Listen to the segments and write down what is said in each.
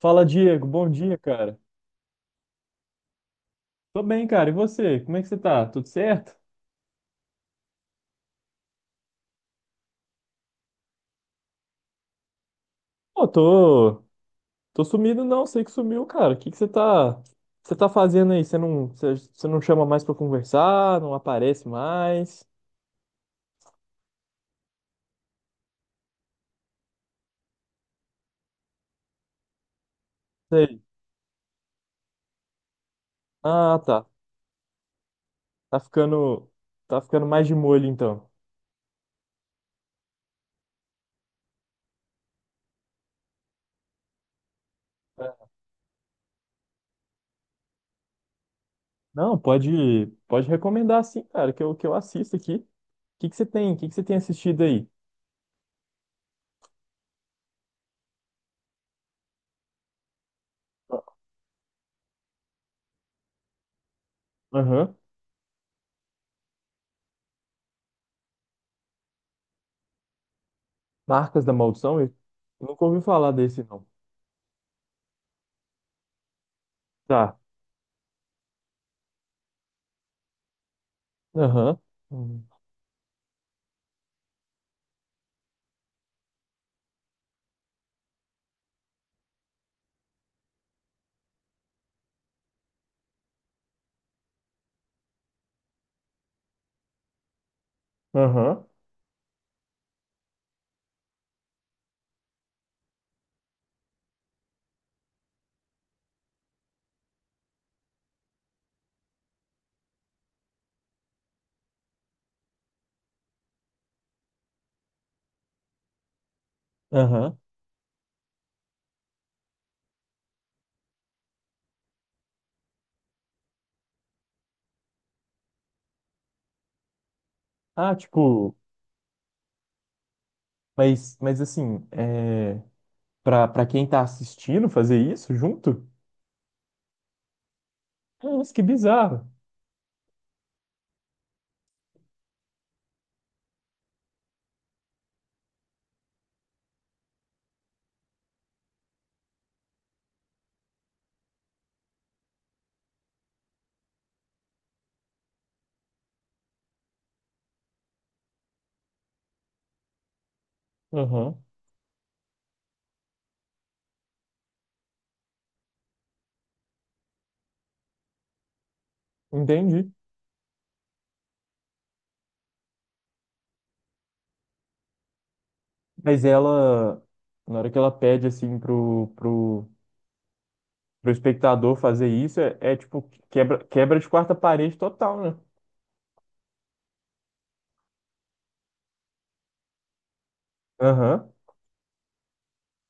Fala, Diego. Bom dia, cara. Tô bem, cara. E você? Como é que você tá? Tudo certo? Pô, tô, tô sumido não. Sei que sumiu, cara. O que que você tá fazendo aí? Você não chama mais pra conversar, não aparece mais. Sei. Ah, tá. Tá ficando, tá ficando mais de molho então. É. Não, pode recomendar sim, cara, que eu assisto aqui. O que que você tem? O que que você tem assistido aí? Aham. Marcas da Maldição? Eu nunca ouvi falar desse, não. Tá. Aham. Hum. Aham. Aham. Ah, tipo, mas assim, é, pra quem tá assistindo fazer isso junto? Nossa, que bizarro. Aham. Entendi. Mas ela, na hora que ela pede, assim, pro espectador fazer isso, tipo, quebra de quarta parede total, né? Aham.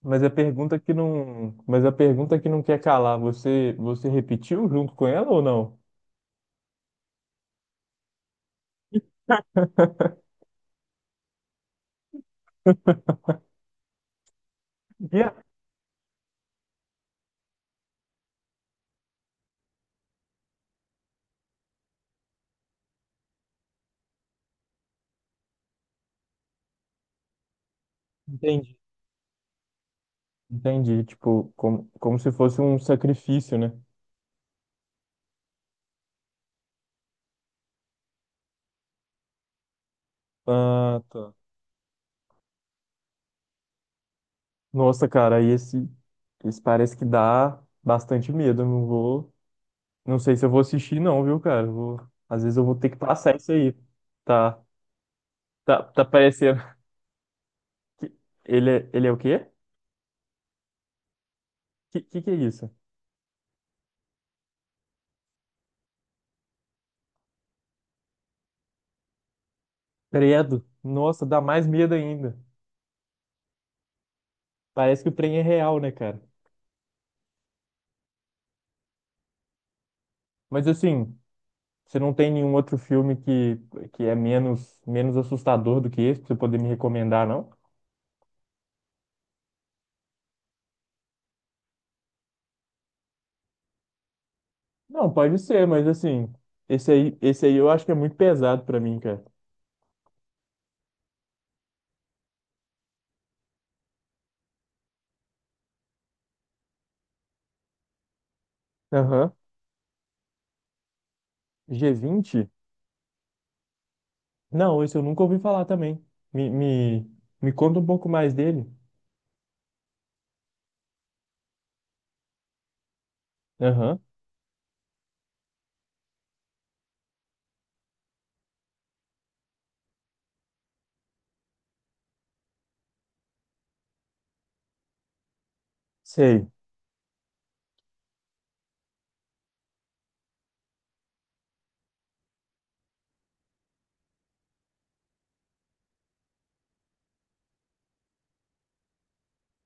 Mas a pergunta que não quer calar, você repetiu junto com ela ou não? Yeah. Entendi. Entendi, tipo, como se fosse um sacrifício, né? Ah, tá. Nossa, cara, esse parece que dá bastante medo. Eu não vou, não sei se eu vou assistir, não, viu, cara? Eu vou, às vezes eu vou ter que passar isso aí. Tá, tá, tá parecendo que ele é o quê? Que é isso? Credo. Nossa, dá mais medo ainda. Parece que o trem é real, né, cara? Mas assim, você não tem nenhum outro filme que é menos assustador do que esse pra você poder me recomendar, não? Não, pode ser, mas assim, esse aí eu acho que é muito pesado pra mim, cara. Aham. G20? Não, esse eu nunca ouvi falar também. Me, me, me conta um pouco mais dele. Aham. Sei.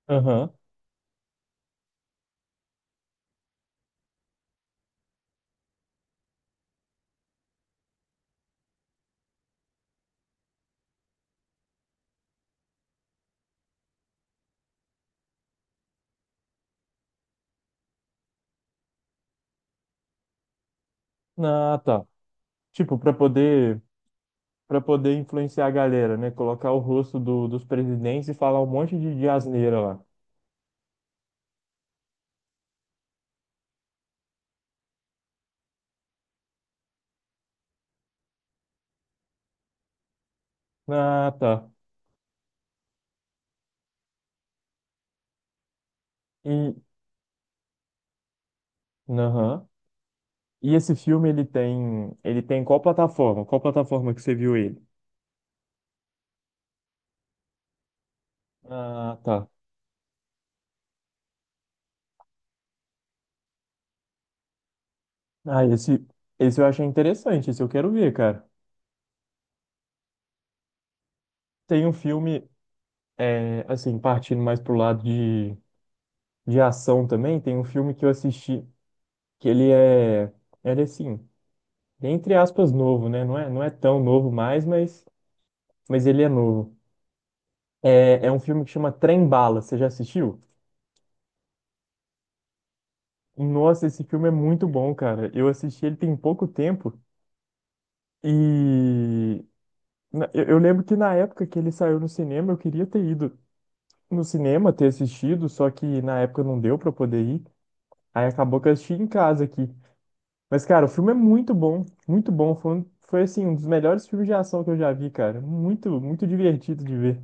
Aham. Ah, tá. Tipo, pra poder para poder influenciar a galera, né? Colocar o rosto do, dos presidentes e falar um monte de asneira lá. Ah, tá. E aham. E esse filme ele tem qual plataforma? Qual plataforma que você viu ele? Ah, tá. Ah, esse, esse eu achei interessante, esse eu quero ver, cara. Tem um filme, é, assim, partindo mais pro lado de ação também, tem um filme que eu assisti, que ele é assim, entre aspas, novo, né? Não é tão novo mais, mas ele é novo. É um filme que chama Trem Bala, você já assistiu? Nossa, esse filme é muito bom, cara. Eu assisti ele tem pouco tempo e eu lembro que na época que ele saiu no cinema, eu queria ter ido no cinema ter assistido, só que na época não deu pra poder ir. Aí acabou que eu assisti em casa aqui. Mas, cara, o filme é muito bom, muito bom. Foi assim, um dos melhores filmes de ação que eu já vi, cara. Muito, muito divertido de ver.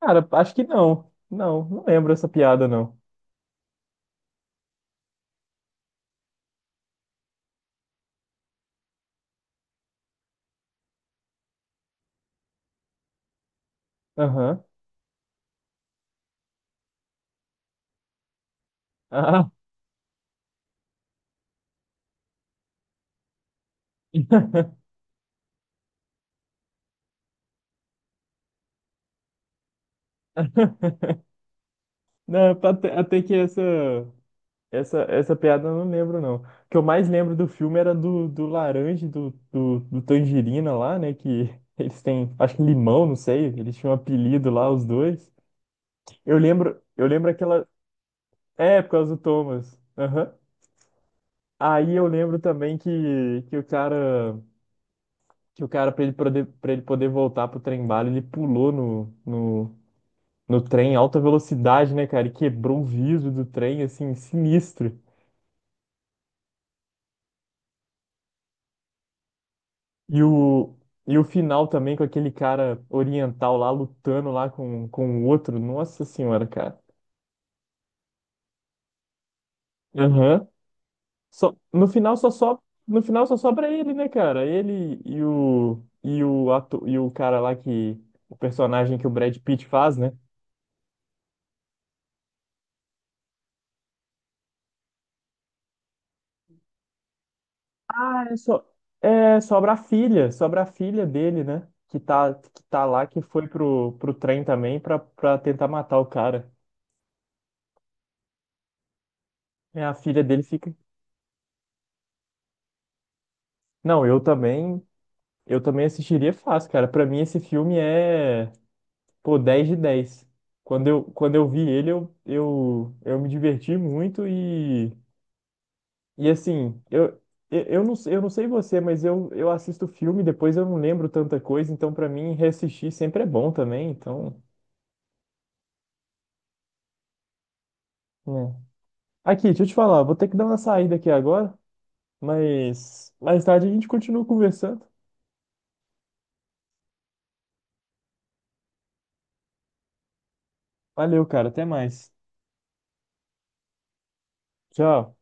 Cara, acho que não. Não, não lembro essa piada, não. Aham. Ah. Não, até até que essa. Essa piada eu não lembro, não. O que eu mais lembro do filme era do laranja, e do tangerina lá, né? Que eles têm, acho que limão, não sei. Eles tinham um apelido lá, os dois. Eu lembro aquela. É, por causa do Thomas. Aham. Aí eu lembro também que o cara, pra ele poder voltar pro trem bala, ele pulou no trem em alta velocidade, né, cara? E quebrou o vidro do trem, assim, sinistro. E o, e o final também com aquele cara oriental lá lutando lá com o outro. Nossa senhora, cara. Aham. Só, no final só sobra, no final só sobra ele, né, cara? Ele e o ato, e o cara lá que o personagem que o Brad Pitt faz, né? Ah, é só é, sobra a filha dele, né? Que tá lá que foi pro trem também pra para tentar matar o cara. É, a filha dele fica. Não, eu também assistiria fácil, cara. Pra mim, esse filme é, pô, 10 de 10. Quando eu vi ele, eu me diverti muito e assim, eu, eu não sei você, mas eu assisto filme, depois eu não lembro tanta coisa, então pra mim, reassistir sempre é bom também, então, né. Aqui, deixa eu te falar, vou ter que dar uma saída aqui agora, mas mais tarde a gente continua conversando. Valeu, cara, até mais. Tchau.